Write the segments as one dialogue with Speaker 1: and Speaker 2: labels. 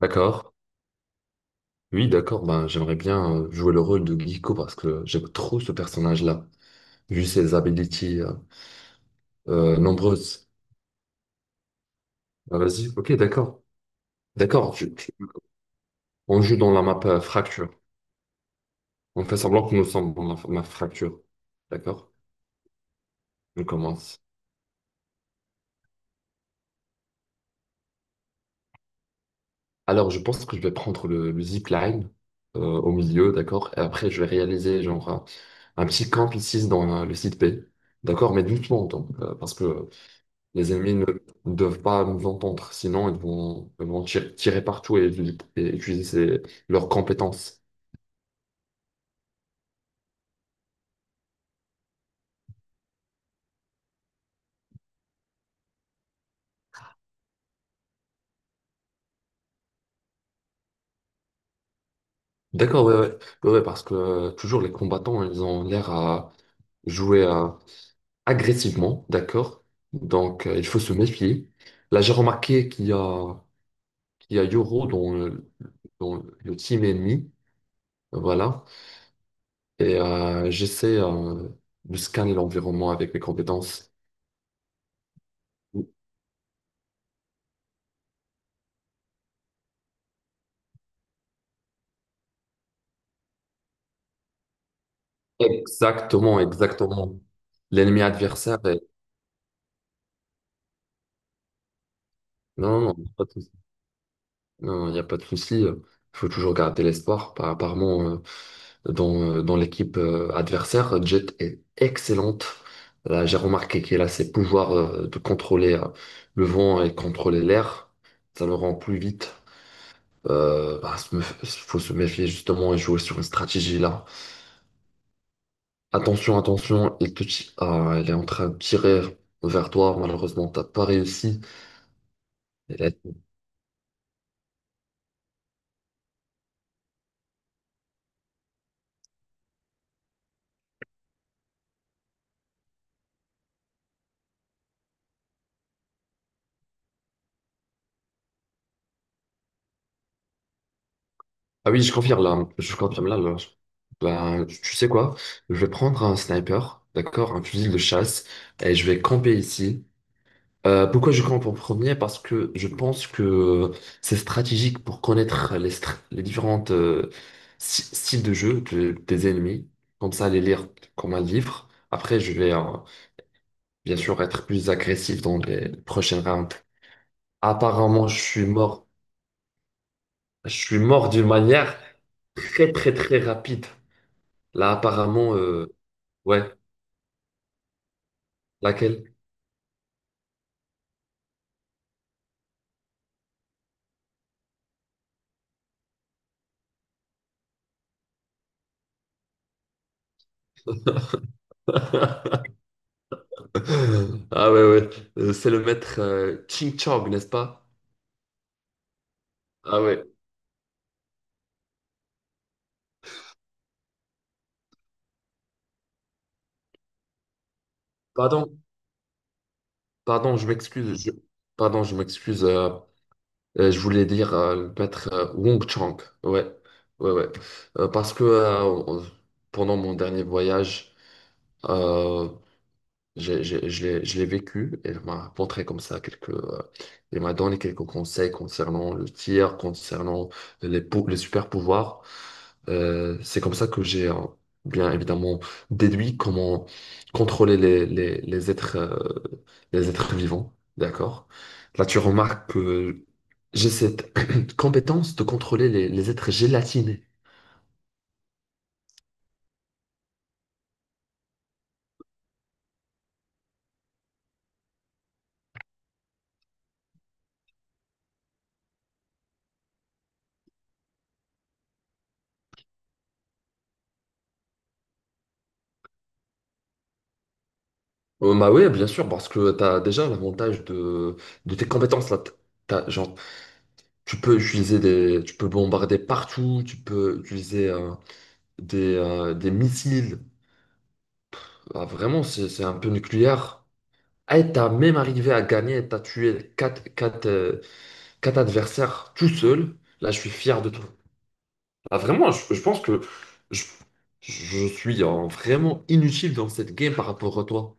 Speaker 1: D'accord. Oui, d'accord. Ben, j'aimerais bien jouer le rôle de Giko parce que j'aime trop ce personnage-là, vu ses abilities nombreuses. Ah, vas-y, ok, d'accord. D'accord. On joue dans la map fracture. On fait semblant que nous sommes dans la map fracture. D'accord? On commence. Alors, je pense que je vais prendre le zipline au milieu, d'accord? Et après, je vais réaliser genre un petit camp ici dans le site P. D'accord? Mais doucement, donc, parce que les ennemis ne doivent pas nous entendre, sinon ils vont tirer partout et utiliser ces- leurs compétences. D'accord, ouais, parce que toujours les combattants, ils ont l'air à jouer agressivement, d'accord? Donc il faut se méfier. Là, j'ai remarqué qu'il y a Yoro dans le team ennemi, voilà, et j'essaie de scanner l'environnement avec mes compétences. Exactement, exactement. L'ennemi adversaire est... Non, non, non, pas de souci. Non, il n'y a pas de souci. Il faut toujours garder l'espoir. Apparemment, dans l'équipe adversaire, Jet est excellente. Là, j'ai remarqué qu'elle a ses pouvoirs de contrôler le vent et contrôler l'air. Ça le rend plus vite. Bah, faut se méfier justement et jouer sur une stratégie là. Attention, attention, il te... ti... ah, elle est en train de tirer vers toi. Malheureusement, t'as pas réussi. Euh, Ah oui, je confirme là. Je confirme là. Ben, tu sais quoi? Je vais prendre un sniper, d'accord, un fusil de chasse, et je vais camper ici. Pourquoi je campe en premier? Parce que je pense que c'est stratégique pour connaître les différentes styles de jeu des ennemis. Comme ça, les lire comme un livre. Après, je vais bien sûr être plus agressif dans les prochaines rounds. Apparemment, je suis mort. Je suis mort d'une manière très très très rapide. Là, apparemment, ouais, laquelle? Ah ouais, ouais, c'est le maître Ching Chong, n'est-ce pas? Ah ouais, pardon, pardon, je m'excuse, je- pardon, je m'excuse, je voulais dire le maître Wong Chang, ouais, ouais, ouais. Parce que pendant mon dernier voyage, euh, je, je l'ai vécu, elle m'a apporté comme ça quelques, elle m'a donné quelques conseils concernant le tir, concernant les super pouvoirs. C'est comme ça que j'ai bien évidemment déduit comment contrôler les êtres vivants, d'accord? Là, tu remarques que j'ai cette compétence de contrôler les êtres gélatinés. Bah oui, bien sûr, parce que tu as déjà l'avantage de tes compétences là. Genre, tu peux utiliser tu peux bombarder partout, tu peux utiliser des missiles. Ah, vraiment, c'est un peu nucléaire. Et t'as même arrivé à gagner, t'as tué quatre adversaires tout seul. Là, je suis fier de toi. Ah, vraiment, je pense que je, je suis vraiment inutile dans cette game par rapport à toi.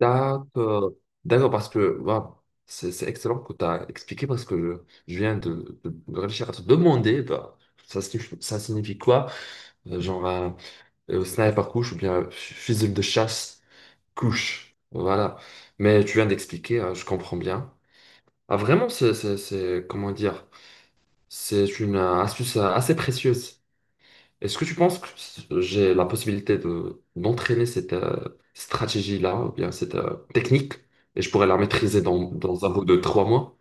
Speaker 1: D'accord. D'accord, parce que waouh, c'est excellent que tu as expliqué parce que je viens de réfléchir à te demander bah, ça signifie quoi? Genre un sniper couche ou bien un fusil de chasse couche. Voilà. Mais tu viens d'expliquer, hein, je comprends bien. Ah, vraiment, c'est... comment dire? C'est une astuce assez précieuse. Est-ce que tu penses que j'ai la possibilité de d'entraîner cette stratégie-là, ou bien cette technique, et je pourrais la maîtriser dans un bout de 3 mois?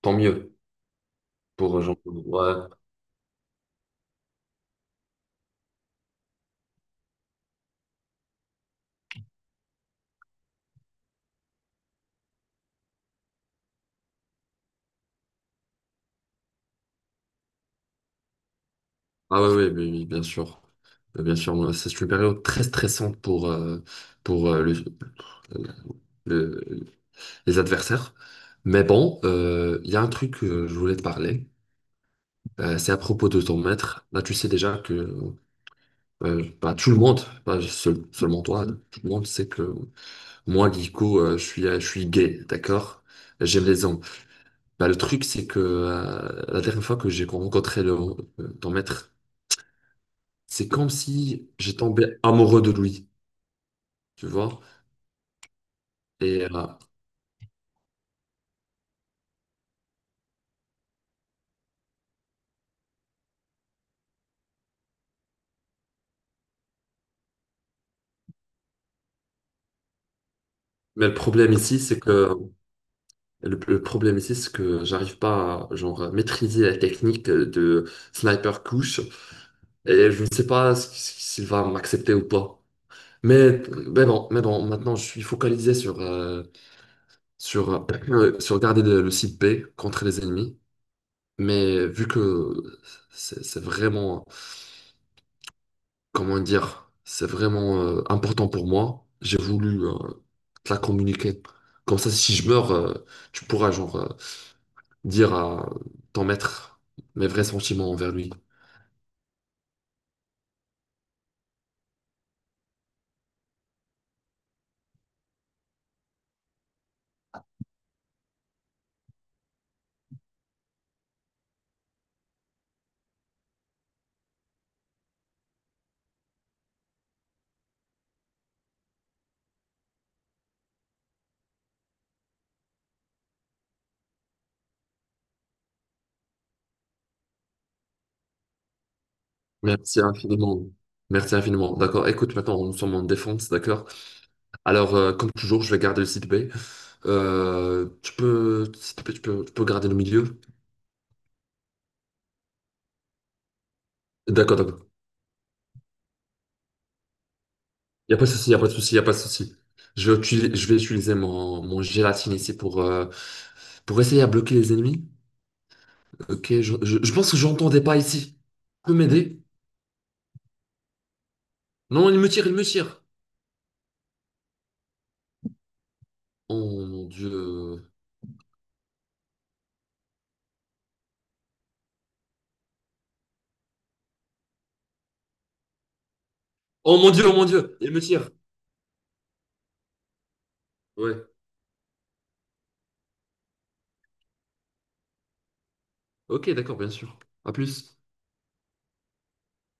Speaker 1: Tant mieux pour genre, ouais. Ah ouais, ouais, oui, oui, bien sûr. Bien sûr, moi, c'est une période très stressante pour, pour euh, le, le- les adversaires. Mais bon, il y a un truc que je voulais te parler. C'est à propos de ton maître. Là, tu sais déjà que bah, tout le monde, pas seulement toi, tout le monde sait que moi, Guico, je suis gay, d'accord? J'aime les hommes. Bah, le truc, c'est que la dernière fois que j'ai rencontré ton maître, c'est comme si j'ai tombé amoureux de lui, tu vois? Et, mais le problème ici, c'est que le problème ici, c'est que j'arrive pas à genre, à maîtriser la technique de sniper couche et je ne sais pas s'il va m'accepter ou pas. Mais, mais bon, maintenant, je suis focalisé sur, sur, sur garder le site B contre les ennemis. Mais vu que c'est vraiment, comment dire, c'est vraiment important pour moi, j'ai voulu te la communiquer. Comme ça, si je meurs, tu pourras genre dire à ton maître mes vrais sentiments envers lui. Merci infiniment. Merci infiniment. D'accord. Écoute, maintenant, nous sommes en défense, d'accord? Alors, comme toujours, je vais garder le site B. Tu peux, s'il te plaît, tu peux garder le milieu. D'accord, d'accord. Il n'y a pas de souci, il n'y a pas de souci, il n'y a pas de souci. Je vais, utiliser mon, mon gélatine ici pour essayer à bloquer les ennemis. Ok, je pense que j'entends des pas ici. Tu peux m'aider? Non, il me tire, il me tire. Oh mon Dieu. Oh mon Dieu, oh mon Dieu, il me tire. Ouais. Ok, d'accord, bien sûr. À plus.